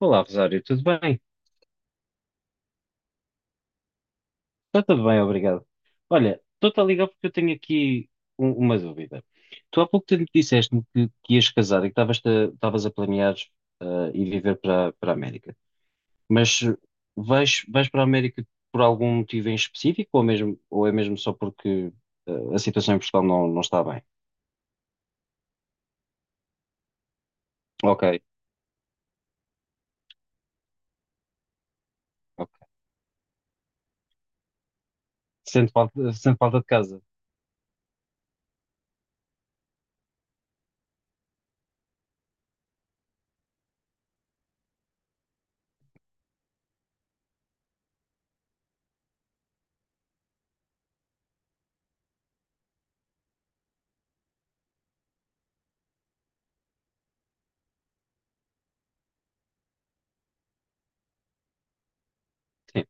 Olá, Rosário, tudo bem? Está tudo bem, obrigado. Olha, estou-te a ligar porque eu tenho aqui uma dúvida. Tu há pouco tempo disseste-me que ias casar e que estavas a planear eh, ir viver para a América. Mas vais para a América por algum motivo em específico ou, mesmo, ou é mesmo só porque a situação em Portugal não está bem? Ok, ok. Sente falta de casa? Sim.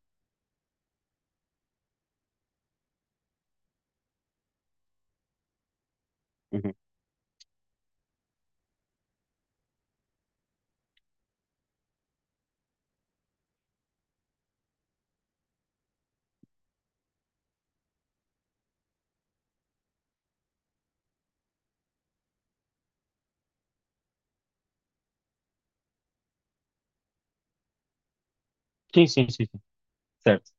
Uhum. Sim, sim, sim, sim. Certo.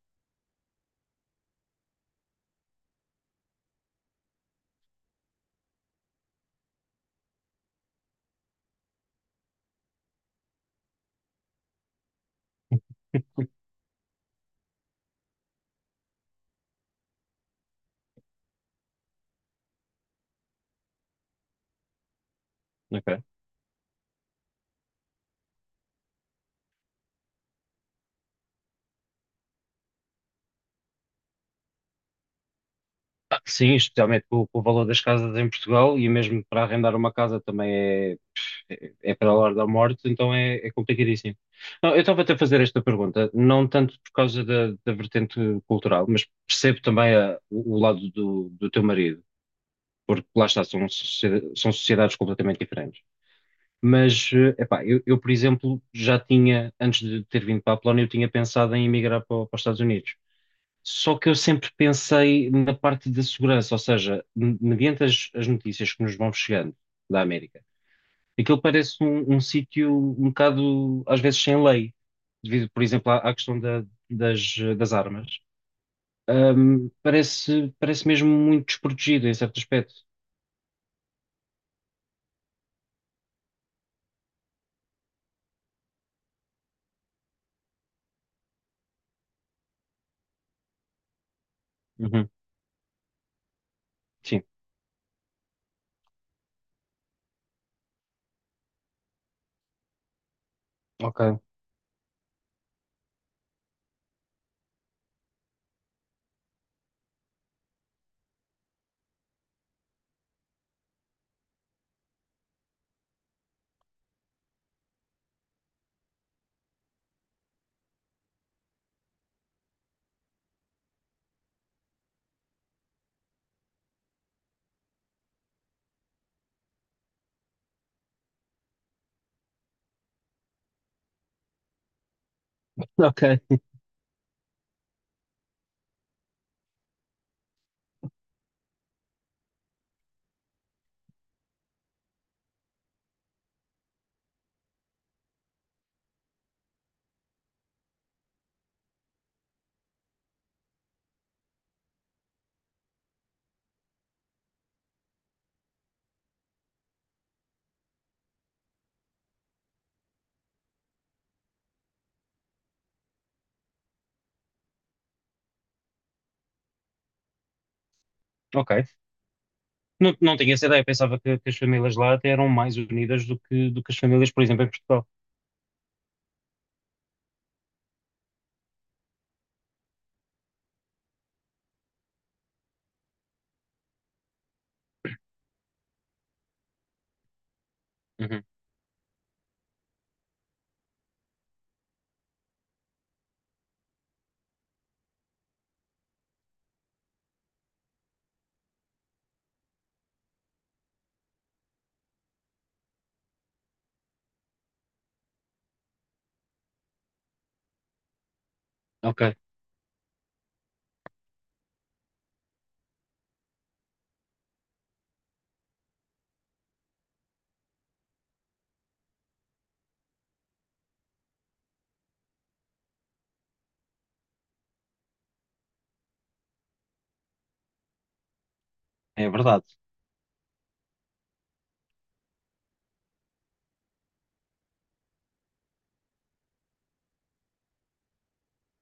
Ok. Ah, sim, especialmente com o valor das casas em Portugal e mesmo para arrendar uma casa também é para a hora da morte, então é complicadíssimo. Não, eu estava até a fazer esta pergunta, não tanto por causa da vertente cultural, mas percebo também o lado do teu marido, porque lá está, são, são sociedades completamente diferentes. Mas, epá, eu, por exemplo, já tinha, antes de ter vindo para a Polónia, eu tinha pensado em emigrar para os Estados Unidos. Só que eu sempre pensei na parte da segurança, ou seja, mediante as notícias que nos vão chegando da América, aquilo parece um, um sítio um bocado, às vezes, sem lei, devido, por exemplo, à questão das armas. Parece, parece mesmo muito desprotegido em certo aspecto. Uhum, sim, ok. Ok. Ok. Não, não tinha essa ideia. Pensava que as famílias lá até eram mais unidas do do que as famílias, por exemplo, em Portugal. Uhum. Ok. É verdade.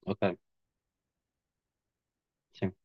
Ok. Sim.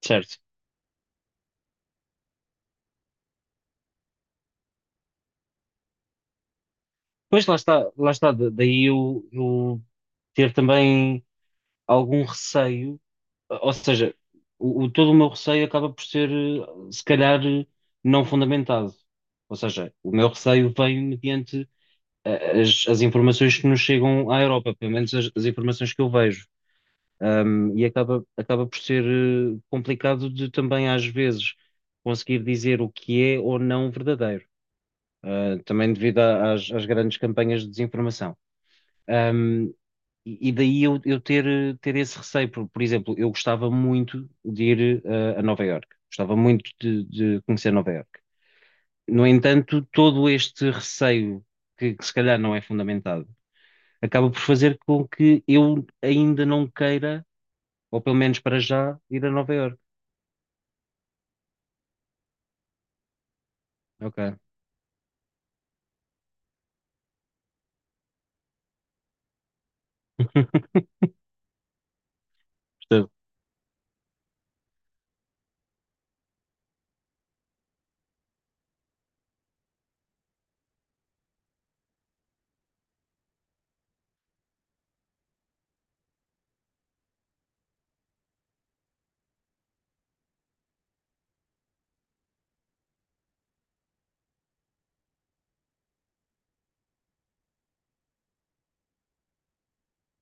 Certo. Pois lá está, daí eu ter também algum receio, ou seja, todo o meu receio acaba por ser, se calhar, não fundamentado. Ou seja, o meu receio vem mediante as informações que nos chegam à Europa, pelo menos as informações que eu vejo. E acaba, acaba por ser, complicado de também, às vezes, conseguir dizer o que é ou não verdadeiro. Também devido às, às grandes campanhas de desinformação. Um, e e daí eu ter, ter esse receio. Por exemplo, eu gostava muito de ir a Nova Iorque, gostava muito de conhecer Nova Iorque. No entanto, todo este receio, que se calhar não é fundamentado, acaba por fazer com que eu ainda não queira, ou pelo menos para já, ir a Nova Iorque. Ok, percebo.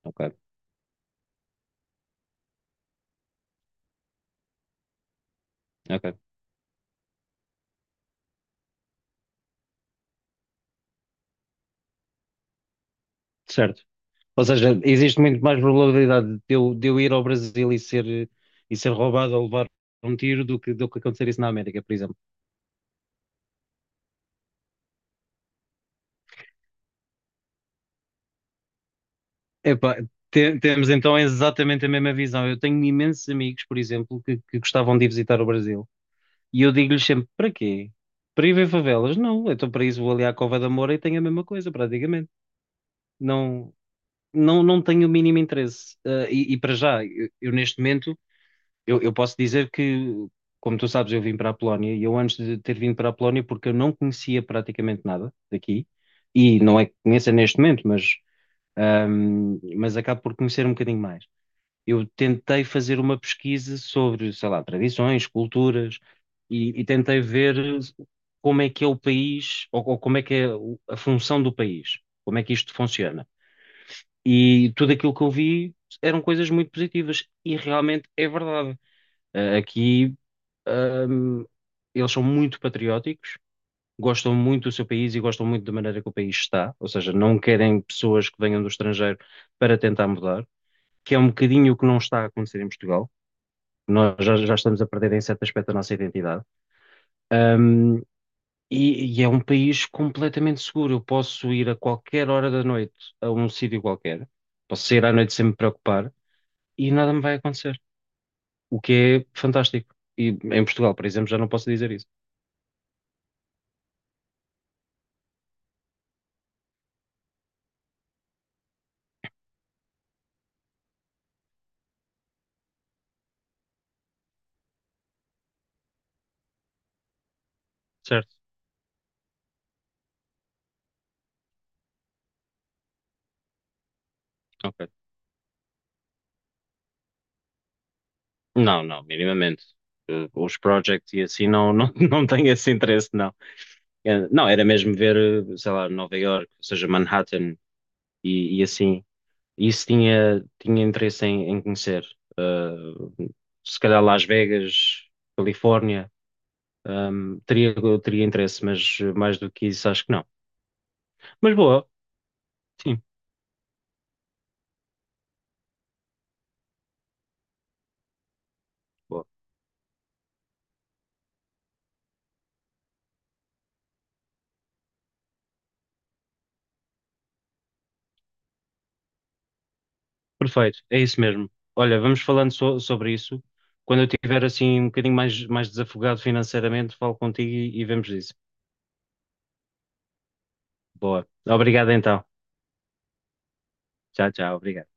Ok, ok, certo. Ou seja, existe muito mais probabilidade de eu ir ao Brasil e ser roubado ou levar um tiro do do que acontecer isso na América, por exemplo. Epá, temos então exatamente a mesma visão. Eu tenho imensos amigos, por exemplo, que gostavam de ir visitar o Brasil. E eu digo-lhes sempre, para quê? Para ir ver favelas? Não, então para isso vou ali à Cova da Moura e tenho a mesma coisa, praticamente. Não, não, não tenho o mínimo interesse. Ah, e para já, eu neste momento eu posso dizer que, como tu sabes, eu vim para a Polónia e eu antes de ter vindo para a Polónia, porque eu não conhecia praticamente nada daqui, e não é que conheça neste momento, mas acabo por conhecer um bocadinho mais. Eu tentei fazer uma pesquisa sobre, sei lá, tradições, culturas, e tentei ver como é que é o país, ou como é que é a função do país, como é que isto funciona. E tudo aquilo que eu vi eram coisas muito positivas, e realmente é verdade. Aqui ahm, eles são muito patrióticos, gostam muito do seu país e gostam muito da maneira que o país está, ou seja, não querem pessoas que venham do estrangeiro para tentar mudar, que é um bocadinho o que não está a acontecer em Portugal. Nós já, já estamos a perder em certo aspecto a nossa identidade. Ahm, e é um país completamente seguro. Eu posso ir a qualquer hora da noite a um sítio qualquer, posso sair à noite sem me preocupar e nada me vai acontecer, o que é fantástico. E em Portugal, por exemplo, já não posso dizer isso. Certo. Ok. Não, não, minimamente. Eh, os projects e assim não, não, não tenho esse interesse, não. Eh, não, era mesmo ver, eh, sei lá, Nova York, ou seja, Manhattan e assim. Isso tinha, tinha interesse em, em conhecer. Eh, se calhar Las Vegas, Califórnia, teria, teria interesse, mas eh, mais do que isso acho que não. Mas boa, sim, boa. Perfeito, é isso mesmo. Olha, vamos falando sobre isso. Quando eu tiver assim um bocadinho mais, mais desafogado financeiramente, falo contigo e vemos isso. Boa. Obrigado então. Tchau, tchau. Obrigado.